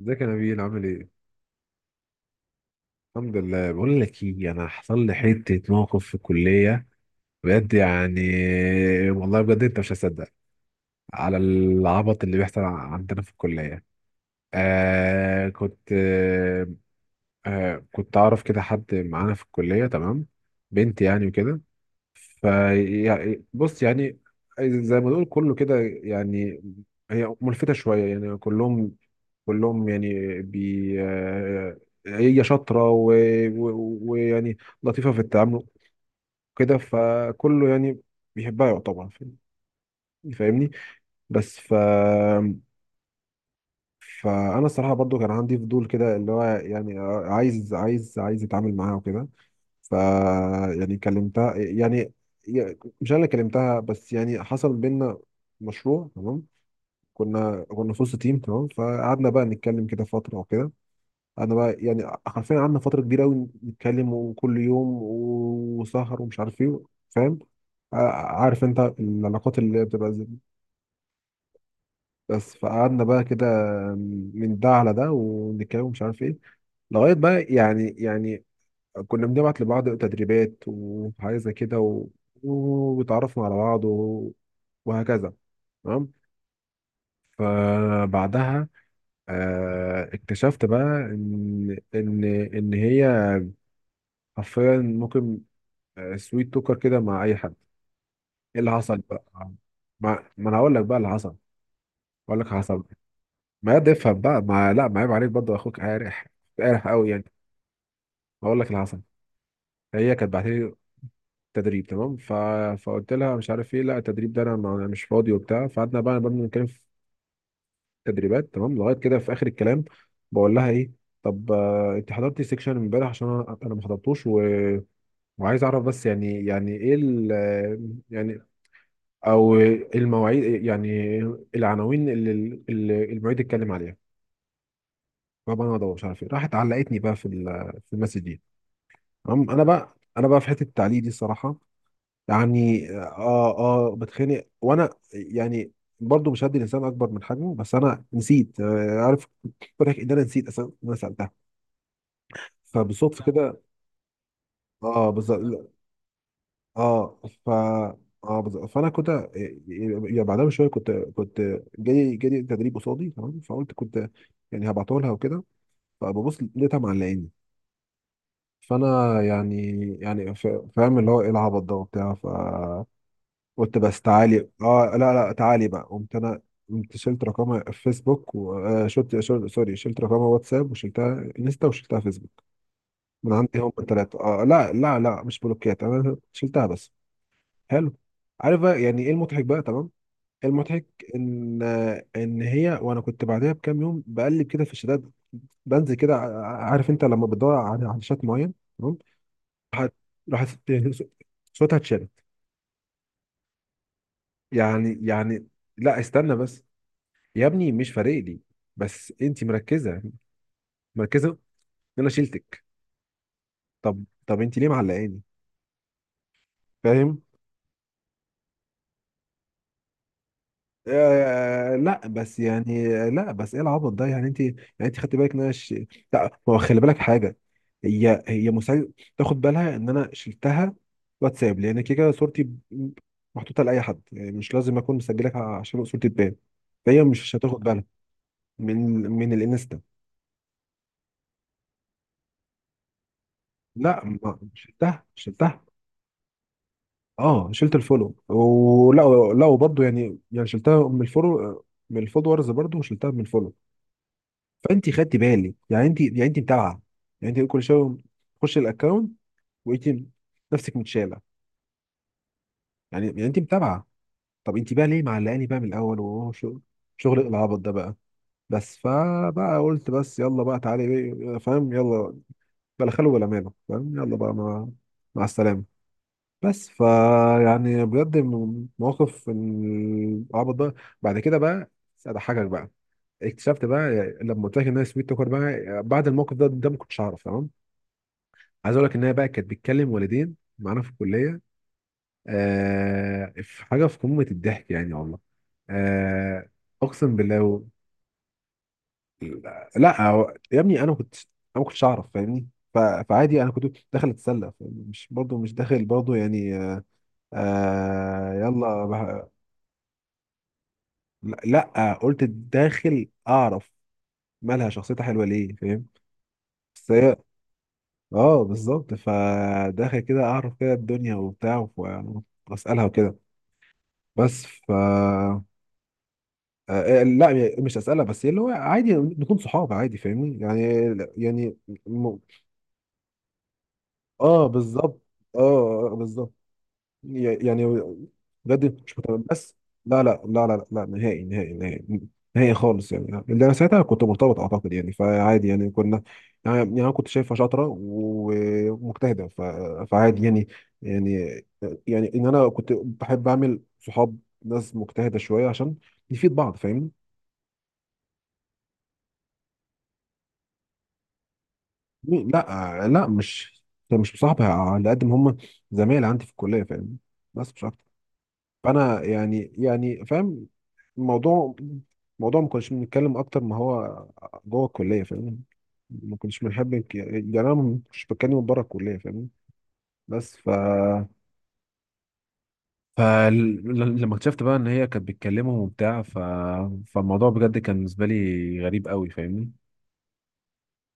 ازيك يا نبيل، عامل ايه؟ الحمد لله. بقول لك ايه، انا حصل لي حته موقف في الكليه، بجد يعني. والله بجد انت مش هتصدق على العبط اللي بيحصل عندنا في الكليه. آه كنت آه آه، كنت اعرف كده حد معانا في الكليه، تمام، بنت يعني وكده. فيعني بص يعني، زي ما نقول كله كده يعني. هي ملفتة شوية يعني، كلهم يعني، بي آه، هي شاطرة ويعني لطيفة في التعامل، كده. فكله يعني بيحبها يعتبر، فاهمني. بس ف فأنا الصراحة برضو كان عندي فضول كده، اللي هو يعني عايز أتعامل معاها وكده. ف يعني كلمتها، يعني مش انا اللي كلمتها، بس يعني حصل بينا مشروع، تمام. كنا في وسط تيم، تمام، فقعدنا بقى نتكلم كده فتره وكده. انا بقى يعني حرفيا قعدنا فتره كبيره قوي نتكلم، وكل يوم وسهر ومش عارف ايه، فاهم. عارف انت العلاقات اللي بتبقى زي دي. بس فقعدنا بقى كده من ده على ده، ونتكلم ومش عارف ايه، لغايه بقى يعني. كنا بنبعت لبعض تدريبات وحاجات زي كده، وتعرفنا على بعض، وهكذا، تمام. فبعدها اكتشفت بقى ان هي حرفيا ممكن سويت توكر كده مع اي حد. ايه اللي حصل بقى؟ ما انا هقول لك بقى اللي حصل. هقول لك اللي حصل. ما ده افهم بقى، ما لا، ما عيب عليك برضه، اخوك قارح، قارح قوي يعني. هقول لك اللي حصل. هي كانت بعت لي تدريب، تمام. فقلت لها مش عارف ايه، لا التدريب ده انا أنا مش فاضي وبتاع. فقعدنا بقى نبدا نتكلم في تدريبات، تمام، لغايه كده في اخر الكلام بقول لها ايه. طب انت حضرتي سيكشن امبارح؟ عشان أنا ما حضرتوش، وعايز اعرف بس، يعني ايه يعني، او المواعيد يعني، العناوين اللي المعيد اتكلم عليها. فبقى انا ادور مش عارف ايه، راحت علقتني بقى في في المسج دي، تمام. انا بقى في حته التعليق دي الصراحه، يعني اه. اه بتخانق، وانا يعني برضو مش هدي الانسان اكبر من حجمه، بس انا نسيت. عارف فرق، ان انا نسيت اصلا إن انا سالتها. فبالصدفه كده، اه بالظبط. اه، ف اه بالظبط، فانا كنت يعني بعدها بشويه، كنت جالي تدريب قصادي، تمام، فقلت كنت يعني هبعته لها وكده. فببص لقيتها معلقاني. فانا يعني، يعني ف- فاهم اللي هو ايه العبط ده وبتاع. قلت بس تعالي، اه لا لا تعالي بقى، قمت انا، قمت شلت رقمها في فيسبوك، وشلت سوري، شلت رقمها واتساب، وشلتها انستا، وشلتها فيسبوك من عندي هم الثلاثه. اه لا لا لا، مش بلوكيات، انا شلتها بس. حلو. عارف بقى يعني ايه المضحك بقى، تمام. المضحك ان هي وانا، كنت بعدها بكام يوم بقلب كده في الشتات، بنزل كده، عارف انت لما بتدور على شات معين، تمام. راحت راحت صوتها اتشالت، يعني يعني. لا استنى بس، يا ابني مش فارق لي، بس انت مركزه، ان انا شيلتك. طب انت ليه معلقاني، فاهم؟ لا بس يعني، لا بس ايه العبط ده يعني؟ انت يعني، انت خدت بالك ان انا لا، ما هو خلي بالك حاجه، هي مساعد تاخد بالها ان انا شلتها واتساب، لان كده كده صورتي ب- محطوطه لاي حد، يعني مش لازم اكون مسجلك عشان صورتي تبان. فهي مش هتاخد بالها. من من الانستا. لا ما شلتها، اه شلت الفولو ولا. لا وبرضه يعني، شلتها من الفولو، من الفولورز برضه، وشلتها من الفولو. فانت خدتي بالي يعني، انت يعني، انت متابعه، يعني انت كل شويه تخش الاكونت وانت نفسك متشاله، يعني انت متابعه. طب انت بقى ليه معلقاني بقى من الاول؟ وهو شغل، العبط ده بقى. بس فبقى قلت بس يلا بقى تعالي بقى، فاهم، يلا بلا خلو ولا ماله، فاهم، يلا بقى، مع السلامه. بس فا يعني بجد، موقف العبط ده. بعد كده بقى اضحكك بقى، اكتشفت بقى لما قلت لك ان هي سويت توكر بقى بعد الموقف ده، ما كنتش اعرف، تمام. عايز اقول لك ان هي بقى كانت بتكلم والدين معانا في الكليه. في حاجه في قمه الضحك يعني والله. آه اقسم بالله لا، يا ابني انا ما كنتش اعرف، فاهمني. فعادي انا كنت داخل اتسلى، مش برضو، مش داخل برضو يعني. يلا. لا, لأ قلت داخل اعرف مالها شخصيتها حلوه ليه، فاهم. بس هي، اه بالظبط، فداخل كده اعرف كده الدنيا وبتاع واسالها وكده. بس ف آه، آه، لا مش اسالها، بس اللي هو عادي نكون صحاب عادي، فاهمني يعني. يعني م... اه بالظبط. اه، بالظبط. يعني بجد مش متابع بس. لا لا لا لا لا، نهائي نهائي نهائي نهائي خالص، يعني اللي انا ساعتها كنت مرتبط اعتقد، يعني فعادي، يعني كنا يعني. انا كنت شايفها شاطره ومجتهده، فعادي يعني. يعني يعني ان انا كنت بحب اعمل صحاب ناس مجتهده شويه عشان نفيد بعض، فاهمني. لا لا، مش مصاحبها، على قد ما هم زمايل عندي في الكليه، فاهمني، بس مش اكتر. فانا يعني، فاهم الموضوع، ما كناش بنتكلم اكتر ما هو جوه الكليه، فاهم. ما كناش بنحب يعني انا ما كنتش بتكلم بره الكليه، فاهم. بس ف فلما اكتشفت بقى ان هي كانت بتكلمهم وبتاع. فالموضوع بجد كان بالنسبه لي غريب قوي، فاهمني.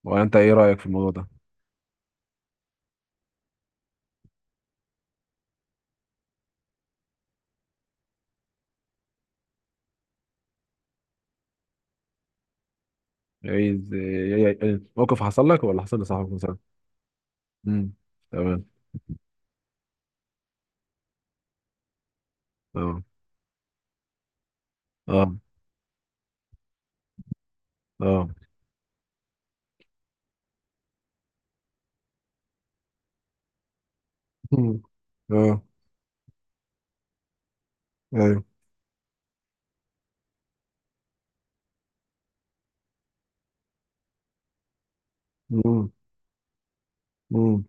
ولا انت ايه رايك في الموضوع ده؟ ايه إيه- إيه- إيه، موقف حصل لك ولا حصل لصاحبك مثلا؟ امم، تمام. اه اه اه، مم. اه. ايوه. مم.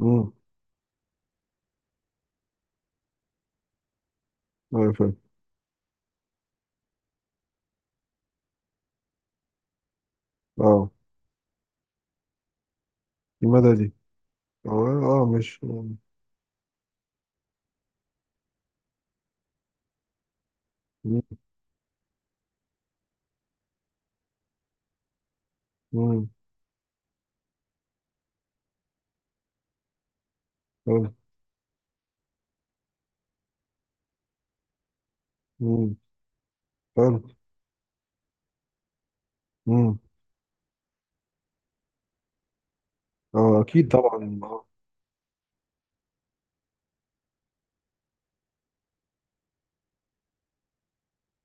امم. ايوه فاهم. اه، المدى دي. اه، اه مش. مم. مم. حلو. مم. حلو. مم. اه اكيد طبعا اه.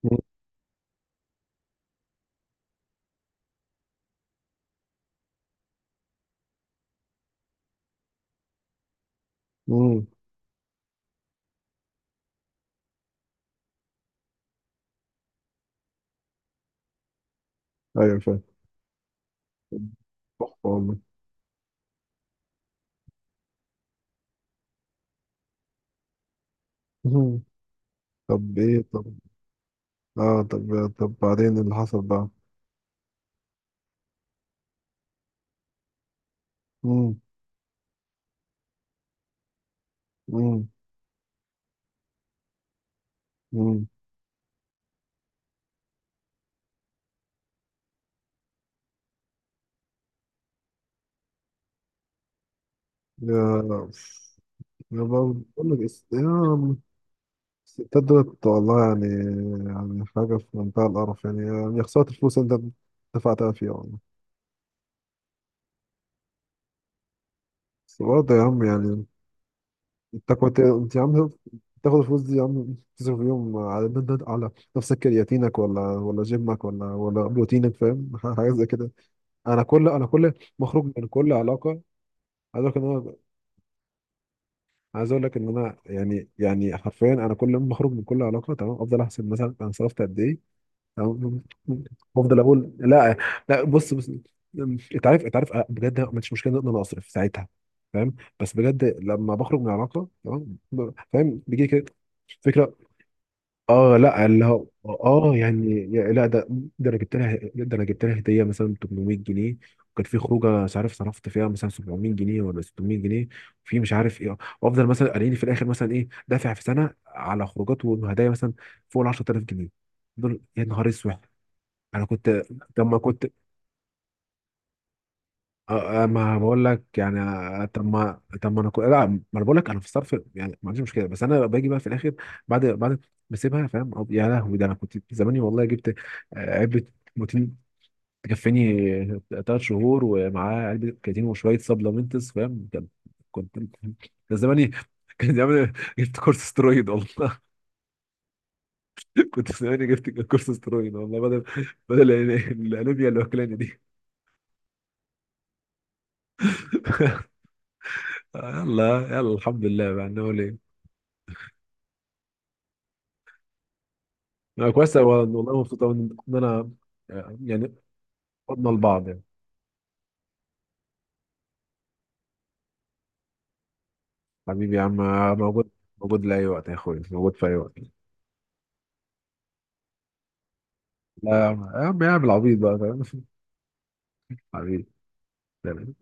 مم. مم. ايوه فاهم. تحفه والله. مم. طب ايه، طب اه، طب بعدين اللي حصل بقى. مم. مم. مم. يا يا بقول لك الس- يا الستات دولت والله يعني، يعني حاجة في منتهى القرف، يعني خسارة الفلوس اللي انت دفعتها فيها والله. بس برضه يا عم يعني، انت يا عم تاخد الفلوس دي يا عم، تصرف يوم على نفسك، كرياتينك ولا جيمك ولا بروتينك، فاهم، حاجه زي كده. انا كل مخرج من كل علاقه. عايز اقول لك ان انا، يعني، حرفيا انا كل ما اخرج من كل علاقه، تمام، افضل احسب مثلا انا صرفت قد ايه، تمام، بفضل اقول لا، لا بص بص، انت عارف، بجد ما عنديش مشكله ان انا اصرف ساعتها، فاهم، بس بجد لما بخرج من علاقه، تمام، فاهم، بيجي لي كده فكره. اه لا اللي هو اه يعني. لا ده، ده انا جبت لها هديه مثلا 800 جنيه، وكان في خروجه مش عارف صرفت فيها مثلا 700 جنيه ولا 600 جنيه في مش عارف ايه، وافضل مثلا قاريني في الاخر مثلا ايه دافع في سنه على خروجات وهدايا مثلا فوق ال 10,000 جنيه دول، يا نهار اسود. انا كنت لما كنت آه، آه، ما بقول لك يعني، آه، طب ما طب ما انا كو... لا ما انا بقول لك، انا في الصرف يعني ما عنديش مشكله، بس انا باجي بقى في الاخر بعد ما اسيبها، فاهم. يا لهوي، ده انا كنت زماني والله جبت علبه بروتين تكفيني 3 شهور، ومعاه علبه كرياتين وشويه سبلمنتس، فاهم. كان- كنت كان زماني كان زماني جبت كورس سترويد والله. كنت زماني جبت كورس سترويد والله، بدل الانيميا اللي واكلاني دي. يلا يلا الحمد لله بقى، نقول إيه؟ لا كويس أوي، والله مبسوط أوي، إن أنا يعني فضنا لبعض يعني. حبيبي يا عم، موجود، موجود لأي وقت يا أخوي، موجود في أي وقت. لا يا عم، يا عم العبيط بقى، فاهم. حبيبي، تمام.